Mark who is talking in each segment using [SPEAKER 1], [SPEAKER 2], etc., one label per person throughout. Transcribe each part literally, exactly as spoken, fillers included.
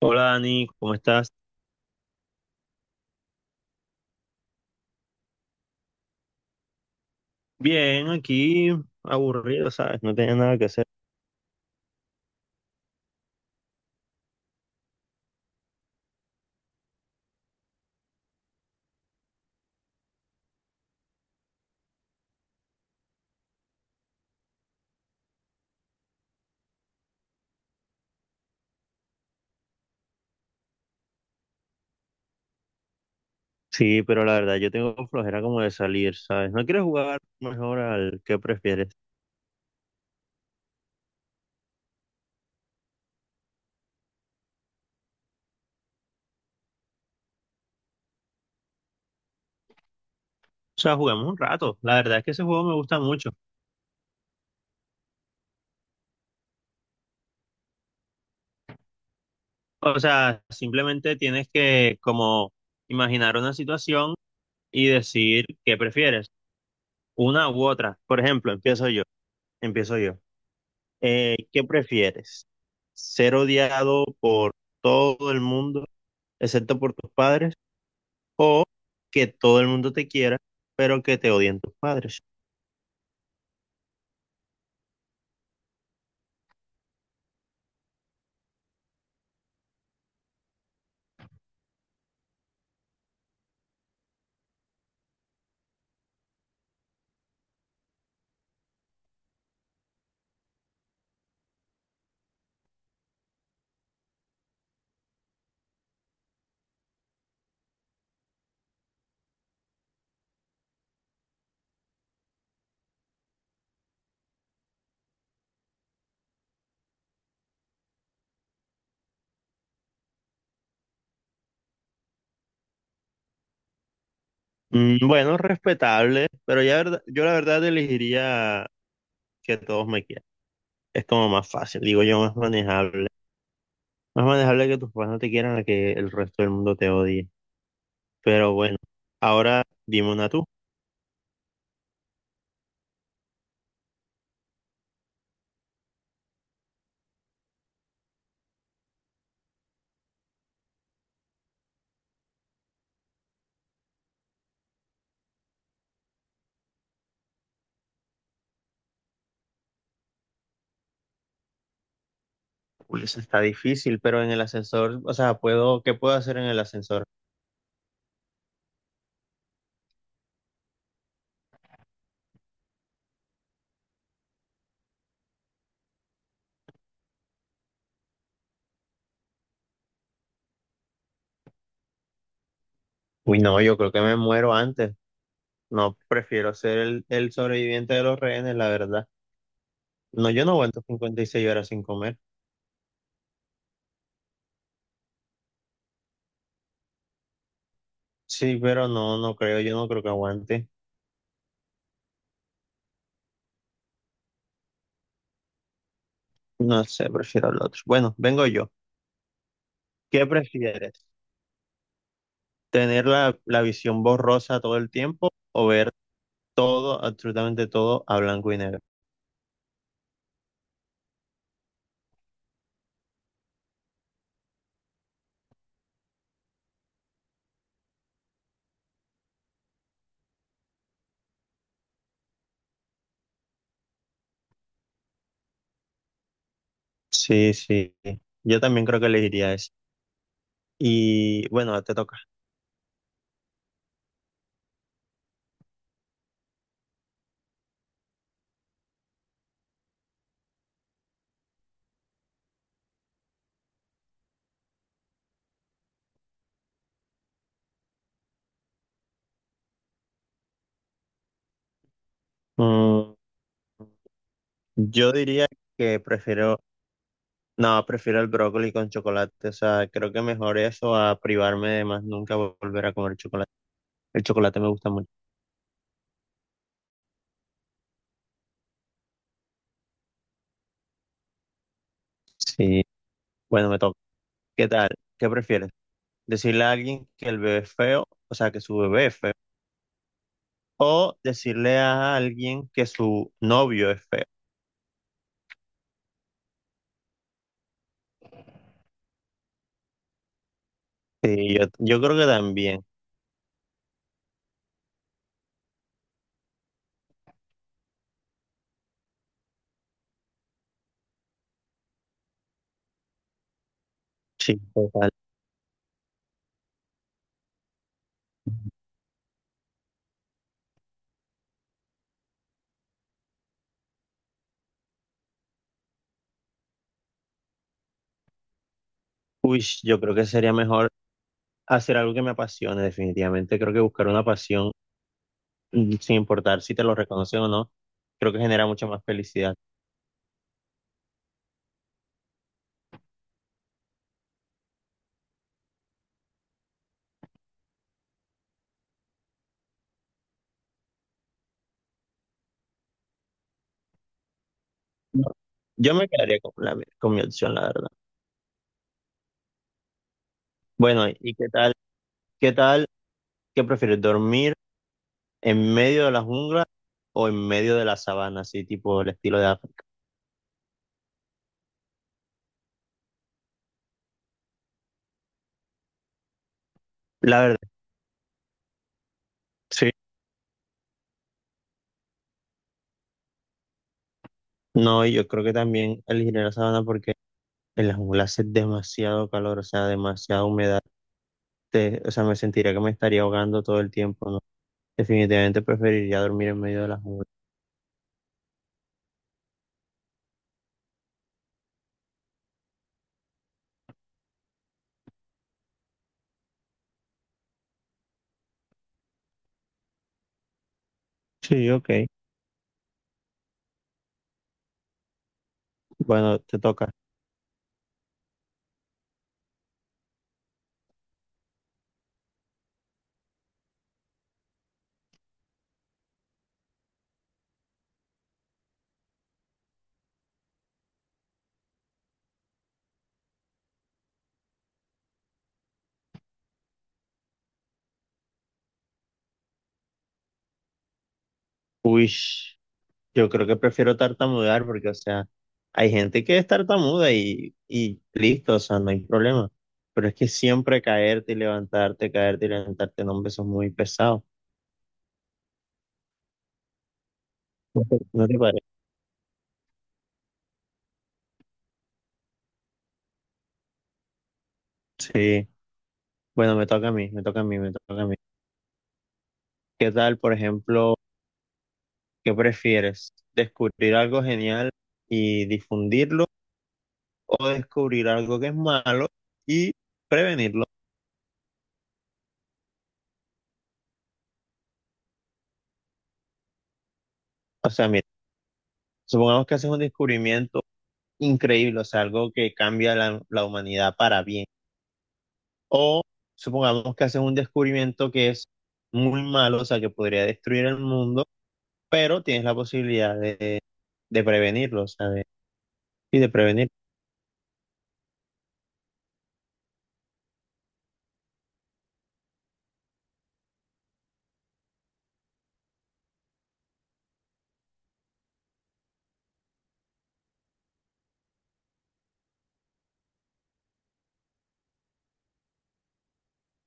[SPEAKER 1] Hola Dani, ¿cómo estás? Bien, aquí aburrido, ¿sabes? No tenía nada que hacer. Sí, pero la verdad, yo tengo flojera como de salir, ¿sabes? ¿No quieres jugar mejor al que prefieres? O sea, juguemos un rato. La verdad es que ese juego me gusta mucho. O sea, simplemente tienes que como imaginar una situación y decir qué prefieres, una u otra. Por ejemplo, empiezo yo, empiezo yo. Eh, ¿qué prefieres? ¿Ser odiado por todo el mundo, excepto por tus padres? ¿O que todo el mundo te quiera, pero que te odien tus padres? Mm, Bueno, respetable, pero ya verdad- yo la verdad elegiría que todos me quieran. Es como más fácil, digo yo, más manejable. Más manejable que tus padres no te quieran a que el resto del mundo te odie. Pero bueno, ahora dime una tú. Uy, eso está difícil, pero en el ascensor, o sea, puedo, ¿qué puedo hacer en el ascensor? Uy, no, yo creo que me muero antes. No, prefiero ser el, el sobreviviente de los rehenes, la verdad. No, yo no aguanto cincuenta y seis horas sin comer. Sí, pero no, no creo, yo no creo que aguante. No sé, prefiero el otro. Bueno, vengo yo. ¿Qué prefieres? ¿Tener la, la visión borrosa todo el tiempo, o ver todo, absolutamente todo, a blanco y negro? Sí, sí. Yo también creo que elegiría eso. Y bueno, te toca. Mm, yo diría que prefiero, no, prefiero el brócoli con chocolate. O sea, creo que mejor eso a privarme de más nunca volver a comer chocolate. El chocolate me gusta mucho. Sí, bueno, me toca. ¿Qué tal? ¿Qué prefieres? ¿Decirle a alguien que el bebé es feo, o sea, que su bebé es feo? ¿O decirle a alguien que su novio es feo? Sí, yo, yo creo que también. Sí, total. Uy, yo creo que sería mejor hacer algo que me apasione, definitivamente. Creo que buscar una pasión, mm, sin importar si te lo reconocen o no, creo que genera mucha más felicidad. Yo me quedaría con la, con mi opción, la verdad. Bueno, ¿y qué tal? ¿Qué tal? ¿Qué prefieres? ¿Dormir en medio de la jungla o en medio de la sabana, así tipo el estilo de África? La verdad, sí. No, y yo creo que también elegiré la sabana porque en la jungla hace demasiado calor, o sea, demasiada humedad. Te- o sea, me sentiría que me estaría ahogando todo el tiempo, ¿no? Definitivamente preferiría dormir en medio de la jungla. Sí, ok. Bueno, te toca. Uy, yo creo que prefiero tartamudear porque, o sea... Hay gente que es tartamuda y, y listo, o sea, no hay problema. Pero es que siempre caerte y levantarte, caerte y levantarte, no, hombre, eso es muy pesado. ¿No te no te parece? Sí. Bueno, me toca a mí, me toca a mí, me toca a mí. ¿Qué tal, por ejemplo, qué prefieres? ¿Descubrir algo genial y difundirlo, o descubrir algo que es malo y prevenirlo? O sea, mira, supongamos que haces un descubrimiento increíble, o sea, algo que cambia la la humanidad para bien. O supongamos que haces un descubrimiento que es muy malo, o sea, que podría destruir el mundo, pero tienes la posibilidad de, de prevenirlo, o sea, y de prevenir.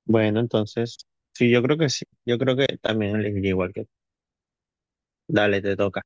[SPEAKER 1] Bueno, entonces, sí, yo creo que sí. Yo creo que también elegiría igual que tú. Dale, te toca.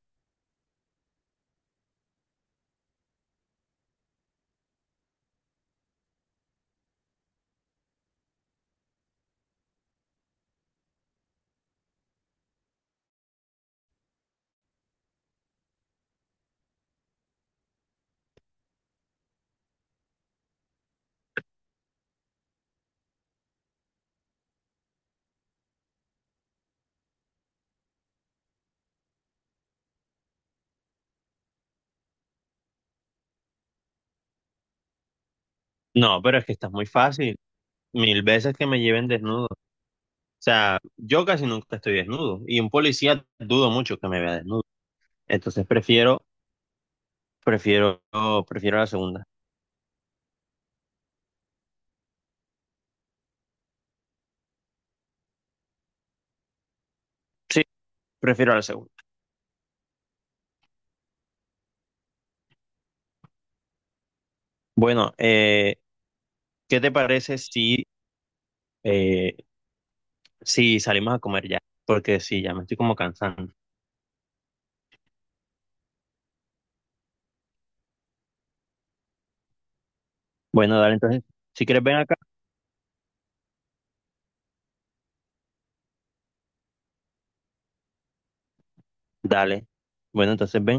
[SPEAKER 1] No, pero es que está muy fácil. Mil veces que me lleven desnudo. O sea, yo casi nunca estoy desnudo y un policía dudo mucho que me vea desnudo. Entonces prefiero, prefiero, prefiero la segunda. Sí, prefiero la segunda. Bueno, eh, ¿qué te parece si, eh, si salimos a comer ya? Porque sí, ya me estoy como cansando. Bueno, dale, entonces, si quieres ven acá, dale. Bueno, entonces ven,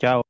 [SPEAKER 1] chao.